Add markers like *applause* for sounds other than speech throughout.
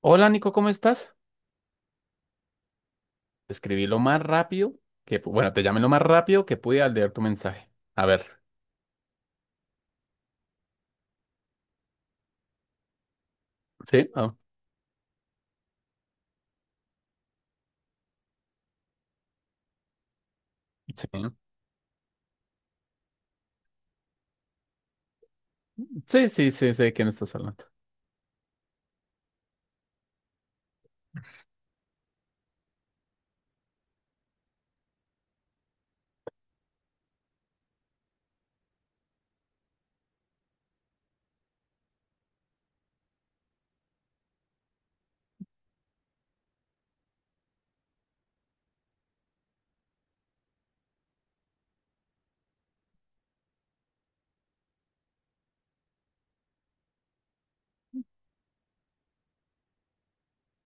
Hola Nico, ¿cómo estás? Te Escribí lo más rápido que, bueno, te llamé lo más rápido que pude al leer tu mensaje. A ver, ¿sí? Ah, sí, sí, sí, sí, sé de quién estás hablando.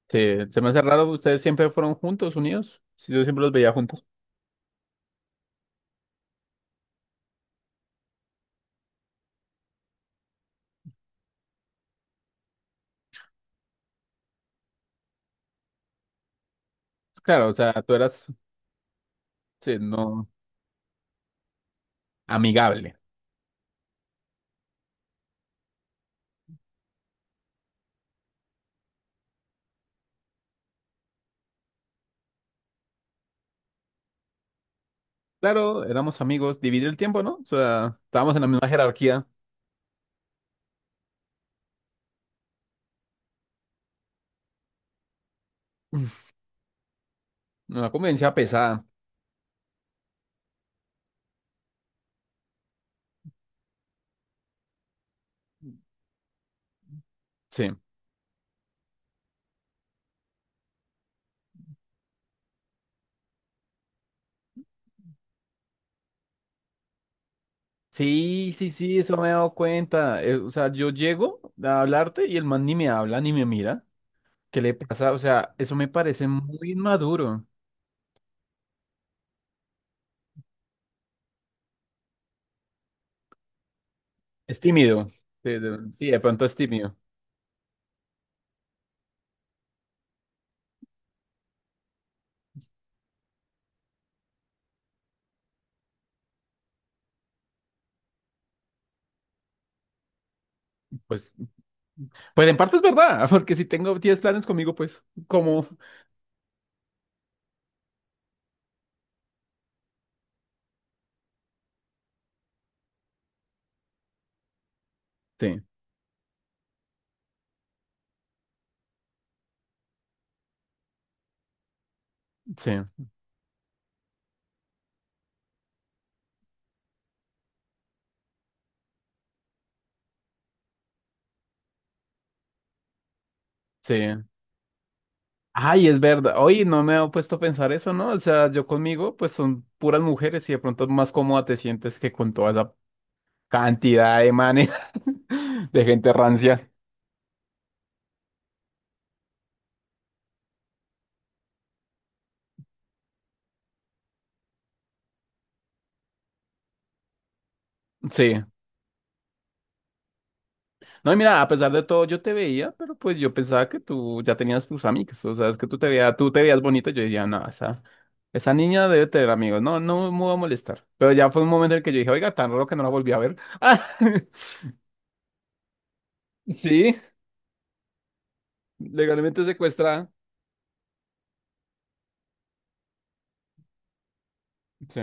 Sí, se me hace raro, ustedes siempre fueron juntos, unidos. Sí, yo siempre los veía juntos. Claro, o sea, tú eras, sí, no, amigable. Claro, éramos amigos, dividir el tiempo, ¿no? O sea, estábamos en la misma jerarquía, *sniffs* una convivencia pesada, sí. Sí, sí, sí, eso me he dado cuenta. O sea, yo llego a hablarte y el man ni me habla ni me mira. ¿Qué le pasa? O sea, eso me parece muy inmaduro. Es tímido. Sí, de pronto es tímido. Pues, pues en parte es verdad, *laughs* porque si tengo 10 planes conmigo, pues, ¿cómo? Sí, sí, sí. Ay, es verdad. Oye, no me he puesto a pensar eso, ¿no? O sea, yo conmigo, pues son puras mujeres y de pronto más cómoda te sientes que con toda esa cantidad de manes, *laughs* de gente rancia. Sí. No, y mira, a pesar de todo, yo te veía, pero pues yo pensaba que tú ya tenías tus amigos, o sea, es que tú te veías bonito, yo decía, no, esa niña debe tener amigos, no, no me voy a molestar. Pero ya fue un momento en el que yo dije, oiga, tan raro que no la volví a ver. *laughs* Ah, sí, legalmente secuestrada. Sí,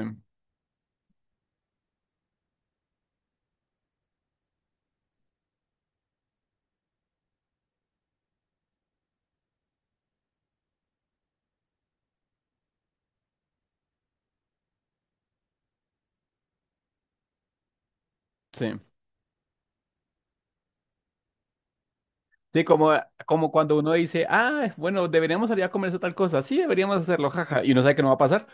sí. Sí, como, como cuando uno dice, ah, bueno, deberíamos salir a comerse tal cosa, sí, deberíamos hacerlo, jaja, y uno sabe que no va a pasar.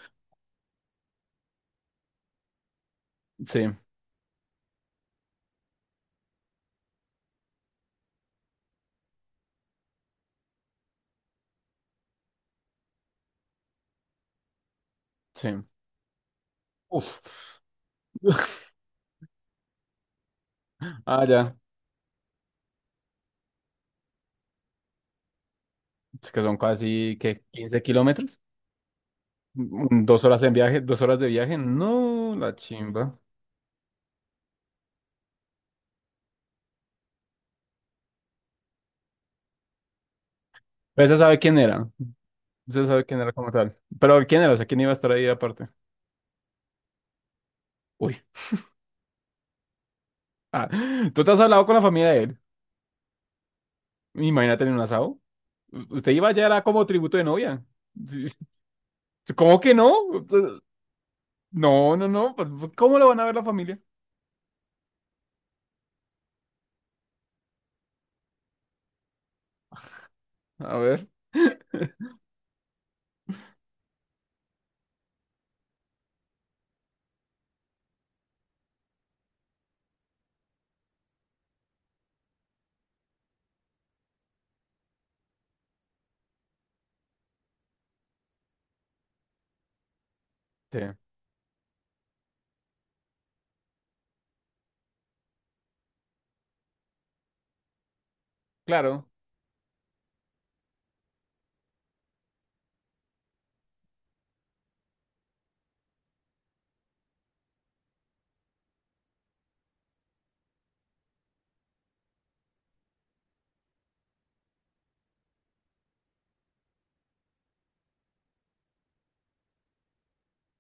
Sí, sí. Uf. *laughs* Ah, ya, es que son casi, ¿qué? ¿15 kilómetros? Mm, 2 horas en viaje, 2 horas de viaje, no, la chimba. Pero se sabe quién era, se sabe quién era como tal. Pero quién era, o sea, quién iba a estar ahí aparte. Uy, ah, *laughs* tú te has hablado con la familia de él. Imagínate en un asado. Usted iba ya, era como tributo de novia. *laughs* ¿Cómo que no? No, no, no. Pues, ¿cómo lo van a ver la familia? A ver, sí, claro.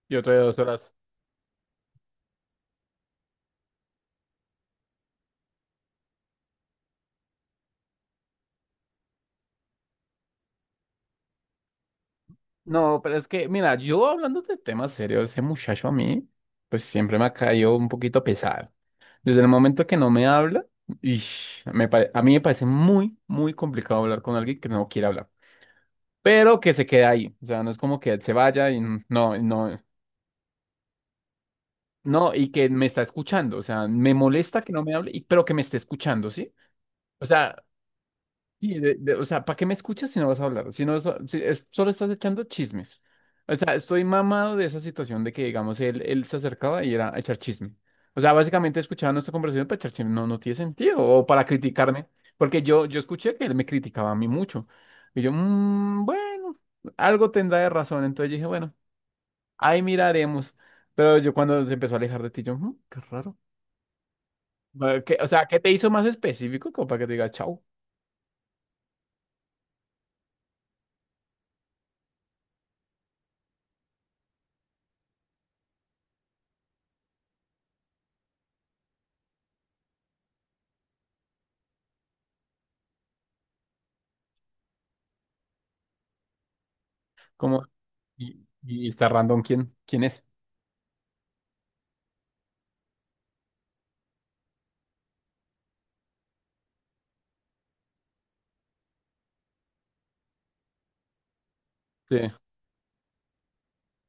Y otra de 2 horas. No, pero es que, mira, yo hablando de temas serios, ese muchacho a mí, pues siempre me ha caído un poquito pesado. Desde el momento que no me habla, ish, a mí me parece muy, muy complicado hablar con alguien que no quiere hablar, pero que se queda ahí. O sea, no es como que él se vaya y no, y que me está escuchando. O sea, me molesta que no me hable, pero que me esté escuchando, ¿sí? O sea, sí, o sea, ¿para qué me escuchas si no vas a hablar? Si no vas a- si es- Solo estás echando chismes. O sea, estoy mamado de esa situación de que, digamos, él se acercaba y era a echar chisme. O sea, básicamente escuchaba nuestra conversación para echar chisme. No, no tiene sentido. O para criticarme. Porque yo escuché que él me criticaba a mí mucho. Y yo, "Mm, bueno, algo tendrá de razón". Entonces dije, bueno, ahí miraremos. Pero yo cuando se empezó a alejar de ti, yo, "Mm, qué raro". O sea, ¿qué te hizo más específico como para que te diga chao? ¿Cómo? Y, y está random quién, quién es. Sí.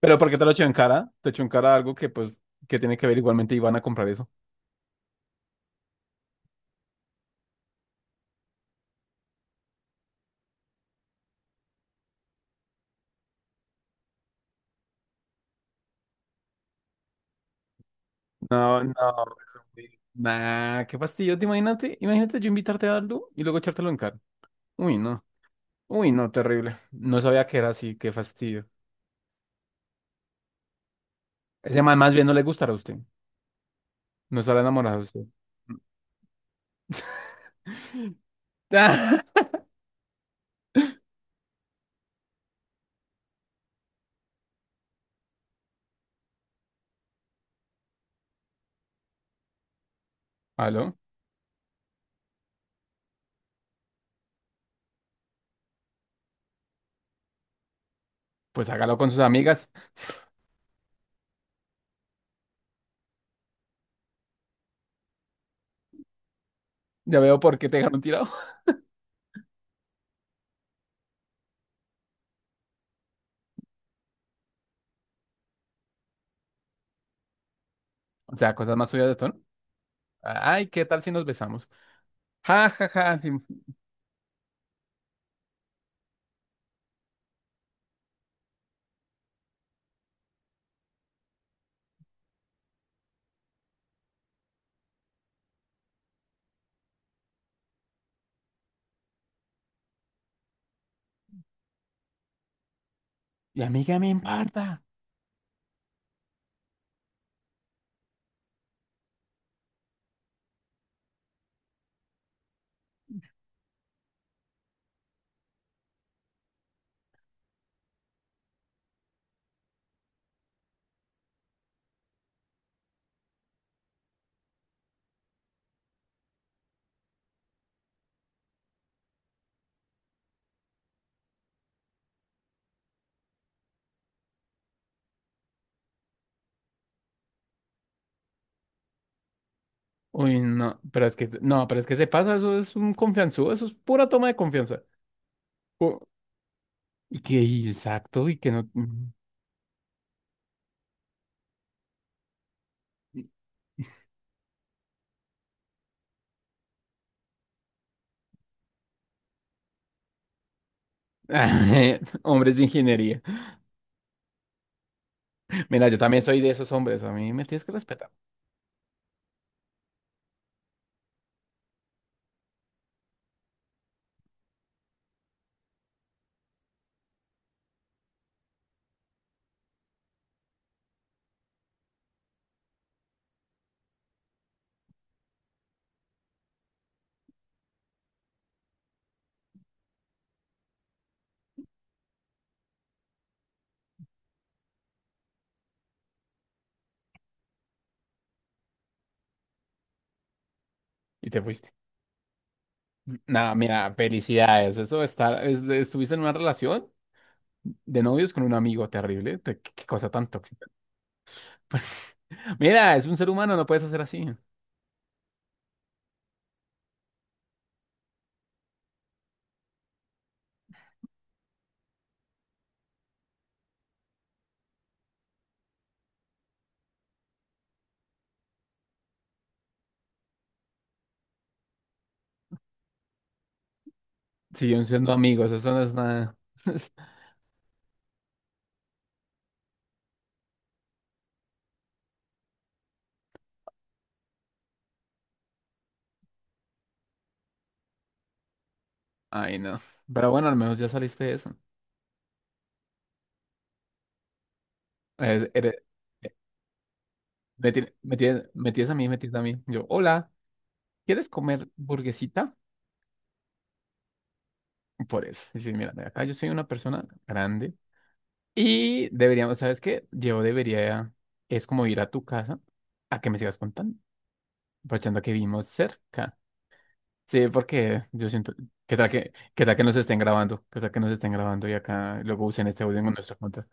Pero ¿por qué te lo echó en cara? Te echó en cara algo que pues que tiene que ver igualmente y van a comprar eso. No, no. Eso sí. Nah, qué fastidio. Te imagínate, imagínate yo invitarte a algo y luego echártelo en cara. Uy, no. Uy, no, terrible. No sabía que era así, qué fastidio. Ese man más bien no le gustará a usted. No estará enamorado de usted. *laughs* ¿Aló? Pues hágalo con sus amigas. Ya veo por qué te dejaron tirado. *laughs* O sea, cosas más suyas de tono. Ay, ¿qué tal si nos besamos? Ja, ja, ja. Sí. Y a mí qué me importa. Uy, no, pero es que, no, pero es que se pasa, eso es un confianzudo, eso es pura toma de confianza. O- Y que, y exacto, y que no. *laughs* Hombres de ingeniería. Mira, yo también soy de esos hombres, a mí me tienes que respetar. Y te fuiste. Nada, mira, felicidades. Estuviste en una relación de novios con un amigo terrible. Qué, qué cosa tan tóxica. *laughs* Mira, es un ser humano, no puedes hacer así. Siguen siendo amigos, eso no es nada. *laughs* Ay, no. Pero bueno, al menos ya saliste de eso. Es- eres- eh, Me tienes a mí, me tienes a mí. Yo, hola, ¿quieres comer burguesita? Por eso. Y mira, acá yo soy una persona grande. Y deberíamos, ¿sabes qué? Es como ir a tu casa a que me sigas contando, aprovechando que vivimos cerca. Sí, porque yo siento, ¿qué tal que nos estén grabando? ¿Qué tal que nos estén grabando y acá luego usen este audio en nuestros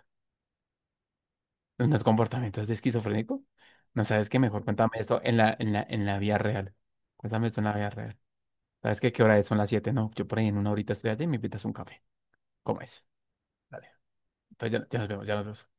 en unos comportamientos de esquizofrénico? No sabes qué, mejor cuéntame esto en en la vida real. Cuéntame esto en la vida real. ¿Sabes qué? ¿Qué hora es? Son las 7, ¿no? Yo por ahí en una horita estoy allá y me invitas a un café. ¿Cómo es? Dale. Entonces ya, ya nos vemos, ya nos vemos.